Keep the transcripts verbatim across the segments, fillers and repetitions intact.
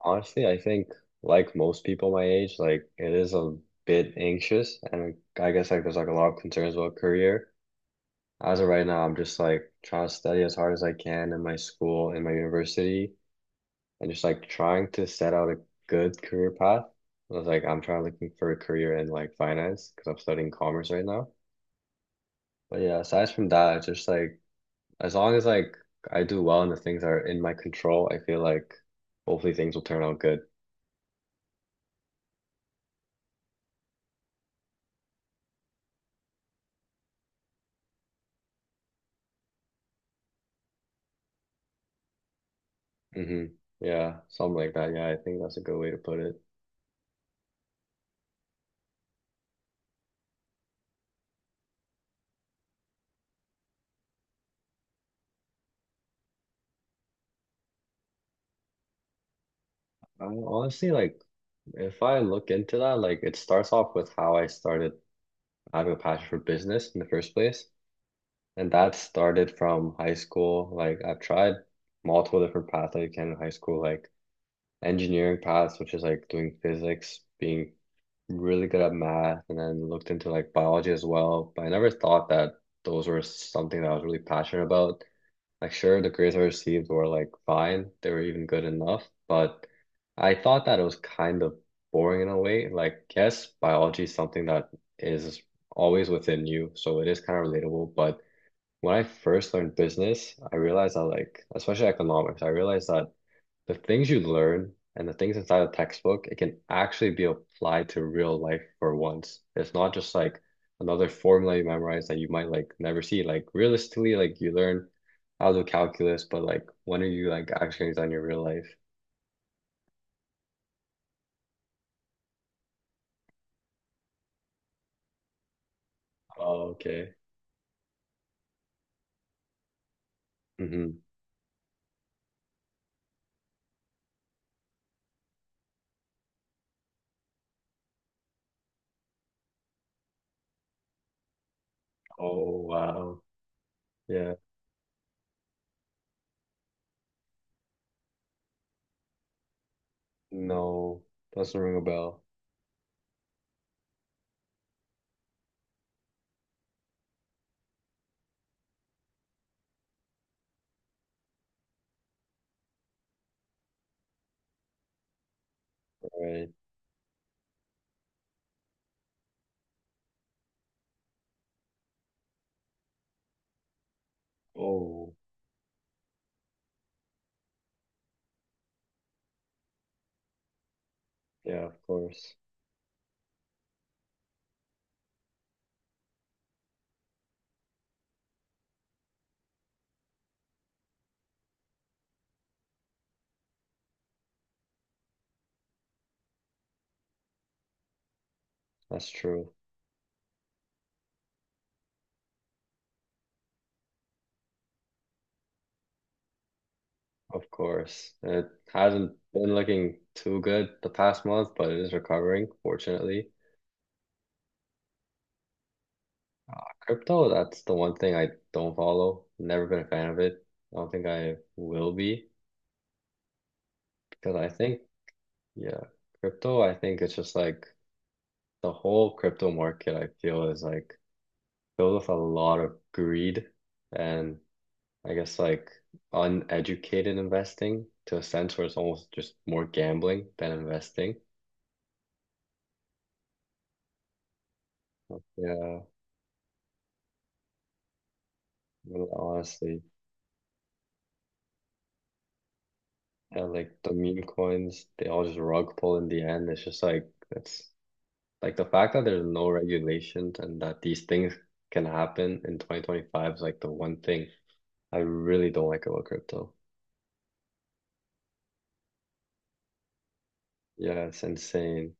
Honestly, I think like most people my age, like it is a bit anxious and I guess like there's like a lot of concerns about career. As of right now, I'm just like trying to study as hard as I can in my school, in my university, and just like trying to set out a good career path. I was like I'm trying like, looking for a career in like finance because I'm studying commerce right now. But yeah, aside from that, it's just like as long as like I do well and the things that are in my control, I feel like hopefully things will turn out good. hmm Yeah, something like that. Yeah, I think that's a good way to put it. I honestly like if I look into that, like it starts off with how I started having a passion for business in the first place. And that started from high school. Like I've tried multiple different paths that you can in high school, like engineering paths, which is like doing physics, being really good at math, and then looked into like biology as well. But I never thought that those were something that I was really passionate about. Like, sure, the grades I received were like fine, they were even good enough, but I thought that it was kind of boring in a way. Like, yes, biology is something that is always within you, so it is kind of relatable. But when I first learned business, I realized that, like, especially economics, I realized that the things you learn and the things inside a textbook, it can actually be applied to real life for once. It's not just like another formula you memorize that you might like never see. Like realistically, like you learn how to do calculus, but like when are you like actually using it in your real life? Oh, okay. hmm Oh, wow. Yeah. No, doesn't ring a bell. Right. Oh, yeah, of course. That's true. Of course. It hasn't been looking too good the past month, but it is recovering, fortunately. Crypto, that's the one thing I don't follow. Never been a fan of it. I don't think I will be because I think, yeah, crypto, I think it's just like the whole crypto market, I feel is like filled with a lot of greed and I guess like uneducated investing to a sense where it's almost just more gambling than investing. Yeah, well, honestly. And like the meme coins, they all just rug pull in the end. It's just like that's like the fact that there's no regulations and that these things can happen in twenty twenty-five is like the one thing I really don't like about crypto. Yeah, it's insane.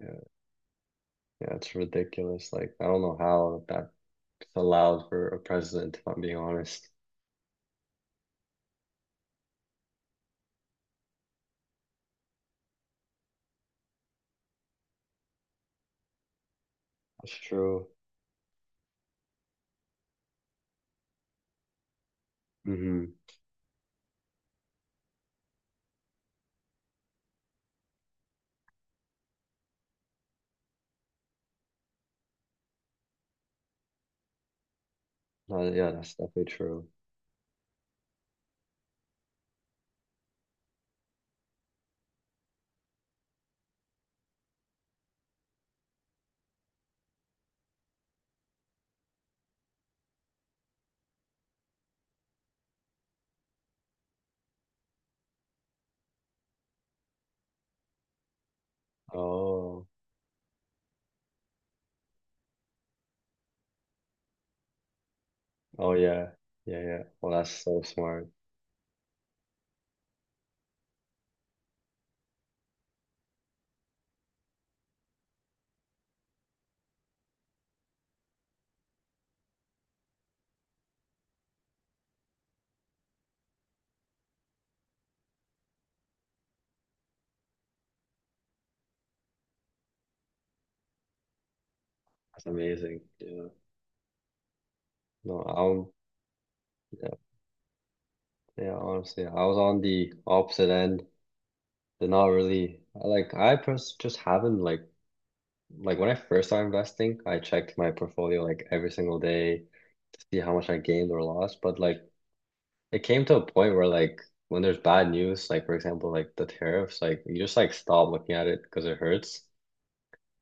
Yeah, yeah, it's ridiculous. Like I don't know how that's allowed for a president, if I'm being honest. That's true. Mm-hmm. Uh, yeah, that's definitely true. Oh, oh yeah, yeah, yeah. Well, that's so smart. That's amazing. Yeah. No, I'm yeah, yeah, honestly, I was on the opposite end. They're not really like I pers just haven't like like when I first started investing, I checked my portfolio like every single day to see how much I gained or lost. But like it came to a point where like when there's bad news, like for example, like the tariffs, like you just like stop looking at it because it hurts.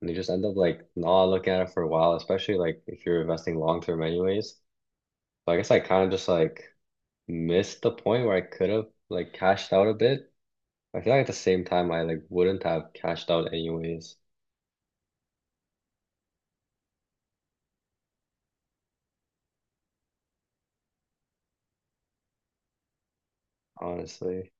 And you just end up like not looking at it for a while, especially like if you're investing long term anyways. So I guess I kind of just like missed the point where I could have like cashed out a bit. I feel like at the same time I like wouldn't have cashed out anyways, honestly.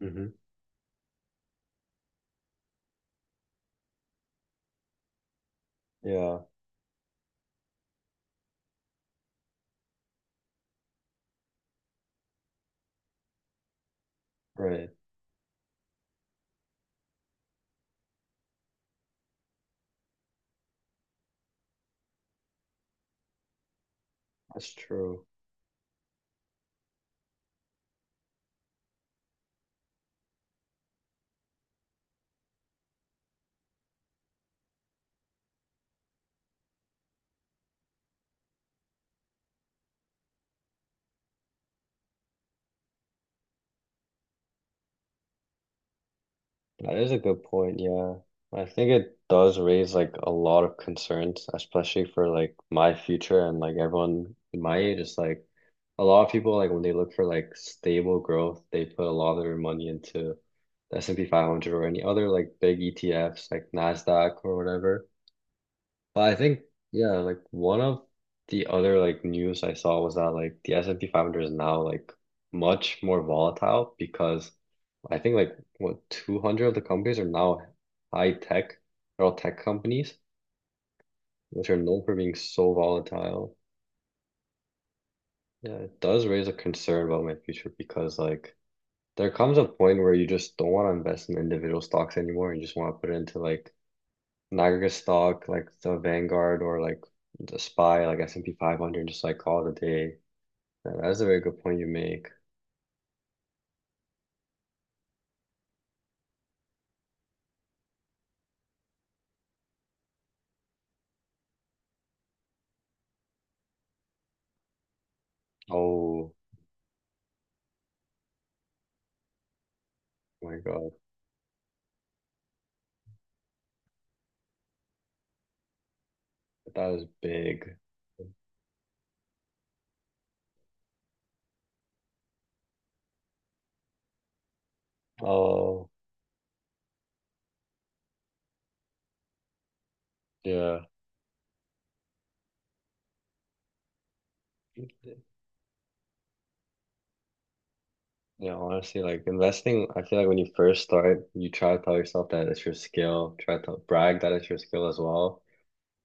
hmm Yeah, right. That's true. That is a good point, yeah. I think it does raise like a lot of concerns, especially for like my future and like everyone my age. It's like a lot of people like when they look for like stable growth, they put a lot of their money into the S and P five hundred or any other like big E T Fs like NASDAQ or whatever. But I think, yeah, like one of the other like news I saw was that like the S and P five hundred is now like much more volatile because I think like what two hundred of the companies are now high tech, they're all tech companies, which are known for being so volatile. Yeah, it does raise a concern about my future because like there comes a point where you just don't want to invest in individual stocks anymore. You just want to put it into like Niagara stock, like the Vanguard or like the S P Y, like S and P five hundred, just like call it a day. Yeah, that's a very good point you make. Oh my God, that was big. Oh, yeah. Yeah, honestly, like investing, I feel like when you first start, you try to tell yourself that it's your skill, try to brag that it's your skill as well.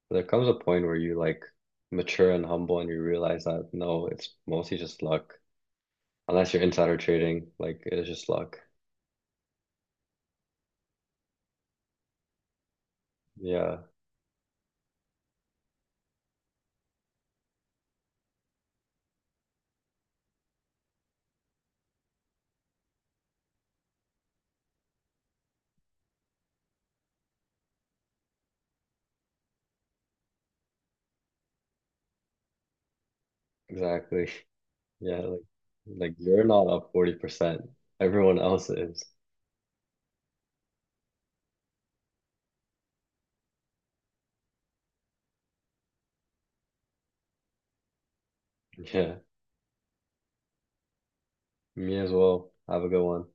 But there comes a point where you like mature and humble and you realize that no, it's mostly just luck. Unless you're insider trading, like it's just luck. Yeah. Exactly. Yeah, like like you're not up forty percent. Everyone else is. Yeah, me as well. Have a good one.